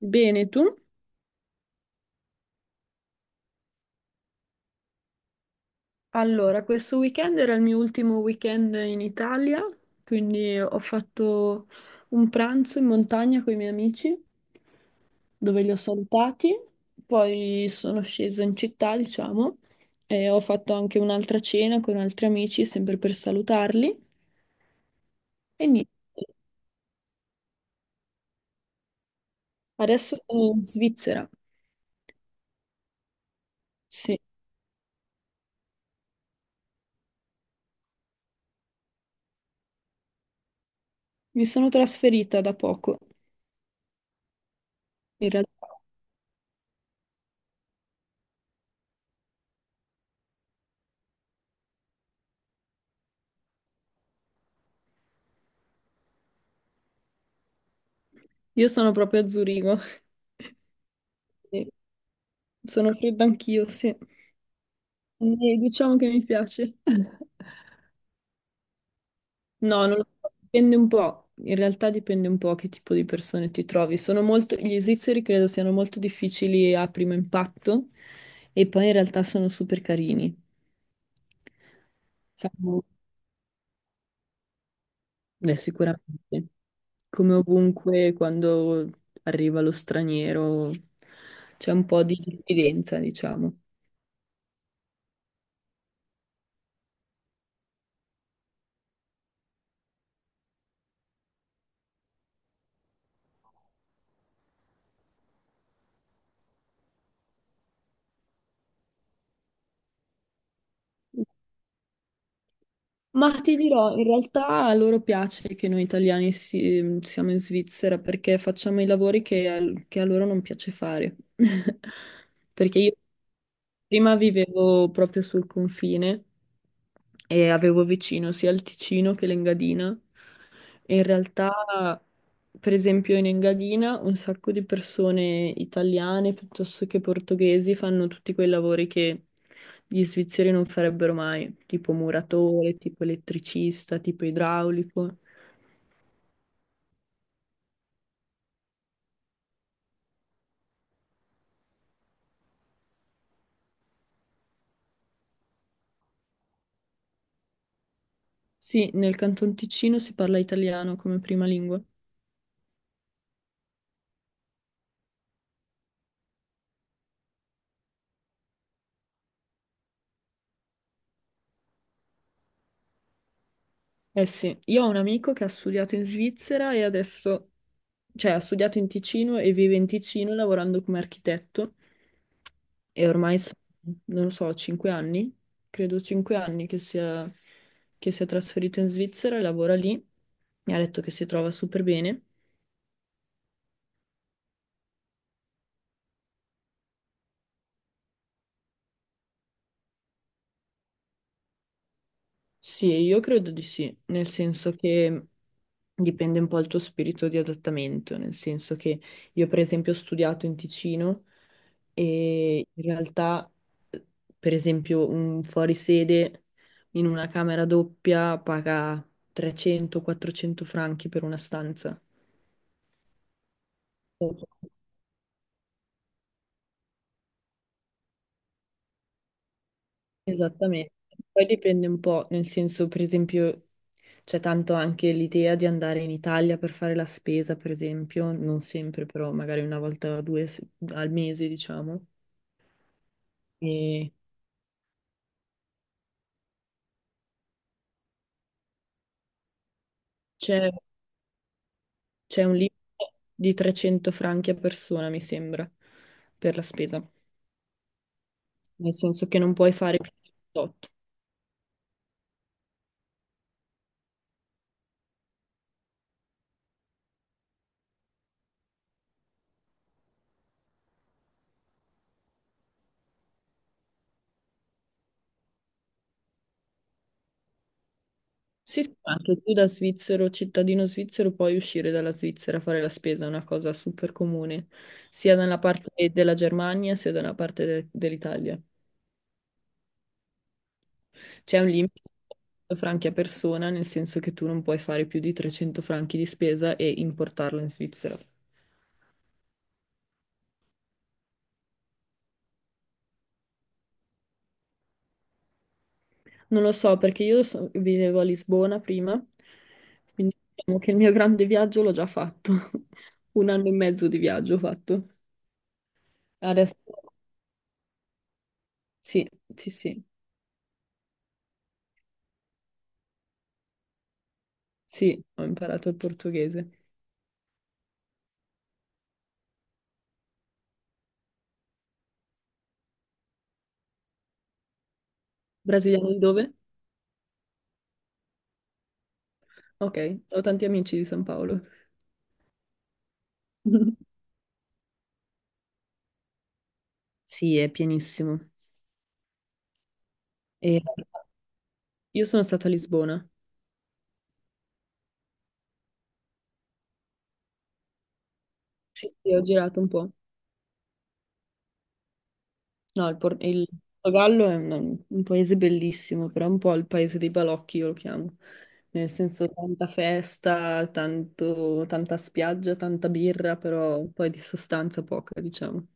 Bene, tu? Allora, questo weekend era il mio ultimo weekend in Italia, quindi ho fatto un pranzo in montagna con i miei amici, dove li ho salutati, poi sono scesa in città, diciamo, e ho fatto anche un'altra cena con altri amici, sempre per salutarli. E niente, adesso sono in Svizzera. Sì, mi sono trasferita da poco, in realtà. Io sono proprio a Zurigo. Sì. Sono fredda anch'io, sì. E diciamo che mi piace. No, non lo so, dipende un po', in realtà dipende un po' che tipo di persone ti trovi. Sono molto, gli svizzeri credo siano molto difficili a primo impatto e poi in realtà sono super carini. Fanno- Sicuramente, come ovunque quando arriva lo straniero c'è un po' di diffidenza, diciamo. Ma ti dirò, in realtà a loro piace che noi italiani siamo in Svizzera perché facciamo i lavori che a loro non piace fare. Perché io prima vivevo proprio sul confine e avevo vicino sia il Ticino che l'Engadina. E in realtà, per esempio, in Engadina un sacco di persone italiane piuttosto che portoghesi fanno tutti quei lavori che gli svizzeri non farebbero mai, tipo muratore, tipo elettricista, tipo idraulico. Sì, nel Canton Ticino si parla italiano come prima lingua. Eh sì, io ho un amico che ha studiato in Svizzera e adesso, cioè ha studiato in Ticino e vive in Ticino lavorando come architetto. E ormai sono, non lo so, 5 anni, credo 5 anni che sia trasferito in Svizzera e lavora lì. Mi ha detto che si trova super bene. Sì, io credo di sì, nel senso che dipende un po' dal tuo spirito di adattamento, nel senso che io per esempio ho studiato in Ticino e in realtà, eh, per esempio, un fuorisede in una camera doppia paga 300-400 franchi per una stanza. Esattamente. Poi dipende un po', nel senso, per esempio, c'è tanto anche l'idea di andare in Italia per fare la spesa, per esempio, non sempre, però magari una volta o due se- al mese, diciamo. E c'è c'è un limite di 300 franchi a persona, mi sembra, per la spesa, nel senso che non puoi fare più di 8. Sì, sì, ma anche tu da svizzero, cittadino svizzero, puoi uscire dalla Svizzera a fare la spesa, è una cosa super comune, sia dalla parte della Germania sia dalla parte dell'Italia. C'è un limite di 100 franchi a persona, nel senso che tu non puoi fare più di 300 franchi di spesa e importarlo in Svizzera. Non lo so, perché vivevo a Lisbona prima, quindi diciamo che il mio grande viaggio l'ho già fatto, un anno e mezzo di viaggio ho fatto. Adesso sì, sì, sì. Sì, ho imparato il portoghese. Brasiliano di dove? Ok, ho tanti amici di San Paolo. Sì, è pienissimo. E io sono stata a Lisbona. Sì, sì, ho girato un po'. No, il Portogallo è un paese bellissimo, però è un po' il paese dei balocchi, io lo chiamo. Nel senso, tanta festa, tanta spiaggia, tanta birra, però poi di sostanza poca, diciamo.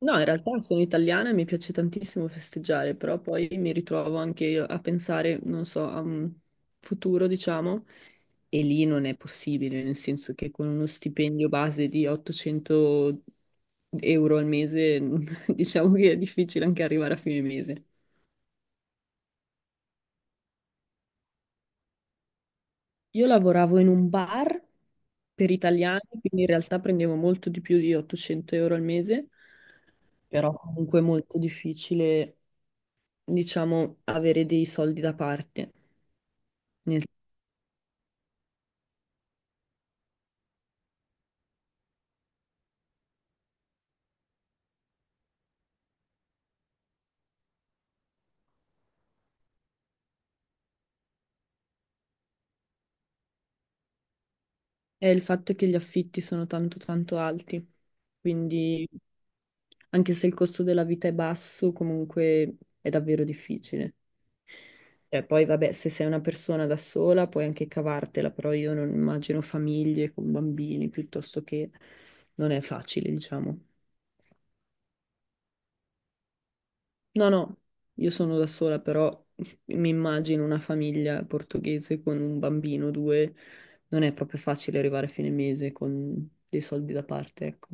No, in realtà sono italiana e mi piace tantissimo festeggiare, però poi mi ritrovo anche io a pensare, non so, a un futuro, diciamo, e lì non è possibile, nel senso che con uno stipendio base di 800 euro al mese, diciamo che è difficile anche arrivare a fine mese. Io lavoravo in un bar per italiani, quindi in realtà prendevo molto di più di 800 euro al mese, però comunque è molto difficile, diciamo, avere dei soldi da parte. Nel È il fatto che gli affitti sono tanto tanto alti, quindi anche se il costo della vita è basso, comunque è davvero difficile. Cioè, poi vabbè, se sei una persona da sola puoi anche cavartela, però io non immagino famiglie con bambini, piuttosto che non è facile, diciamo. No, no, io sono da sola, però mi immagino una famiglia portoghese con un bambino, due, non è proprio facile arrivare a fine mese con dei soldi da parte, ecco.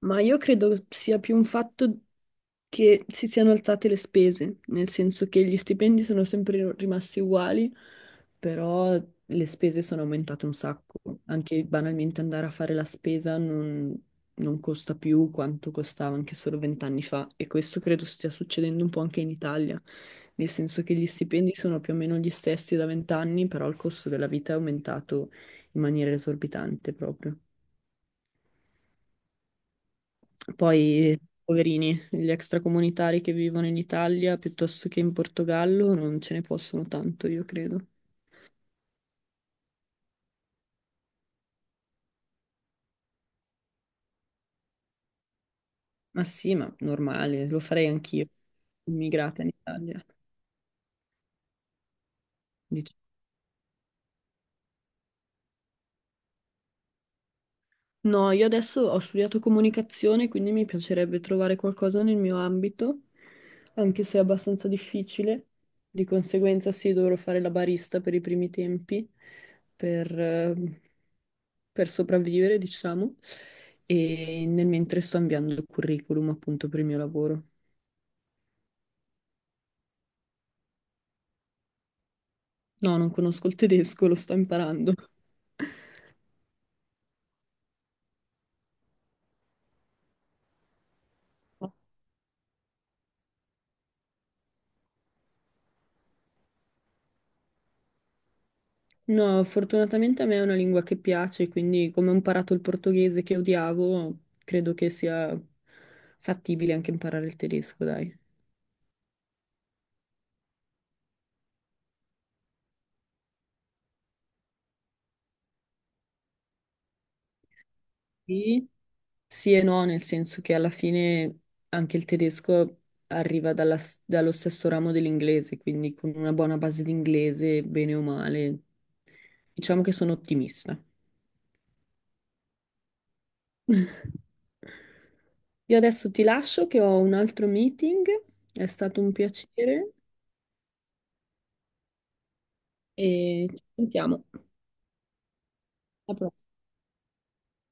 Ma io credo sia più un fatto che si siano alzate le spese, nel senso che gli stipendi sono sempre rimasti uguali, però le spese sono aumentate un sacco. Anche banalmente andare a fare la spesa non, non costa più quanto costava anche solo vent'anni fa. E questo credo stia succedendo un po' anche in Italia, nel senso che gli stipendi sono più o meno gli stessi da vent'anni, però il costo della vita è aumentato in maniera esorbitante proprio. Poi, poverini, gli extracomunitari che vivono in Italia piuttosto che in Portogallo non ce ne possono tanto, io credo. Ma sì, ma normale, lo farei anch'io, immigrata in Italia. Dice- No, io adesso ho studiato comunicazione, quindi mi piacerebbe trovare qualcosa nel mio ambito, anche se è abbastanza difficile. Di conseguenza sì, dovrò fare la barista per i primi tempi, per... eh, per sopravvivere, diciamo, e nel mentre sto inviando il curriculum appunto per il mio lavoro. No, non conosco il tedesco, lo sto imparando. No, fortunatamente a me è una lingua che piace, quindi come ho imparato il portoghese che odiavo, credo che sia fattibile anche imparare il tedesco, dai. Sì, Sì e no, nel senso che alla fine anche il tedesco arriva dalla dallo stesso ramo dell'inglese, quindi con una buona base di inglese, bene o male, diciamo che sono ottimista. Io adesso ti lascio che ho un altro meeting, è stato un piacere e ci sentiamo. Alla prossima.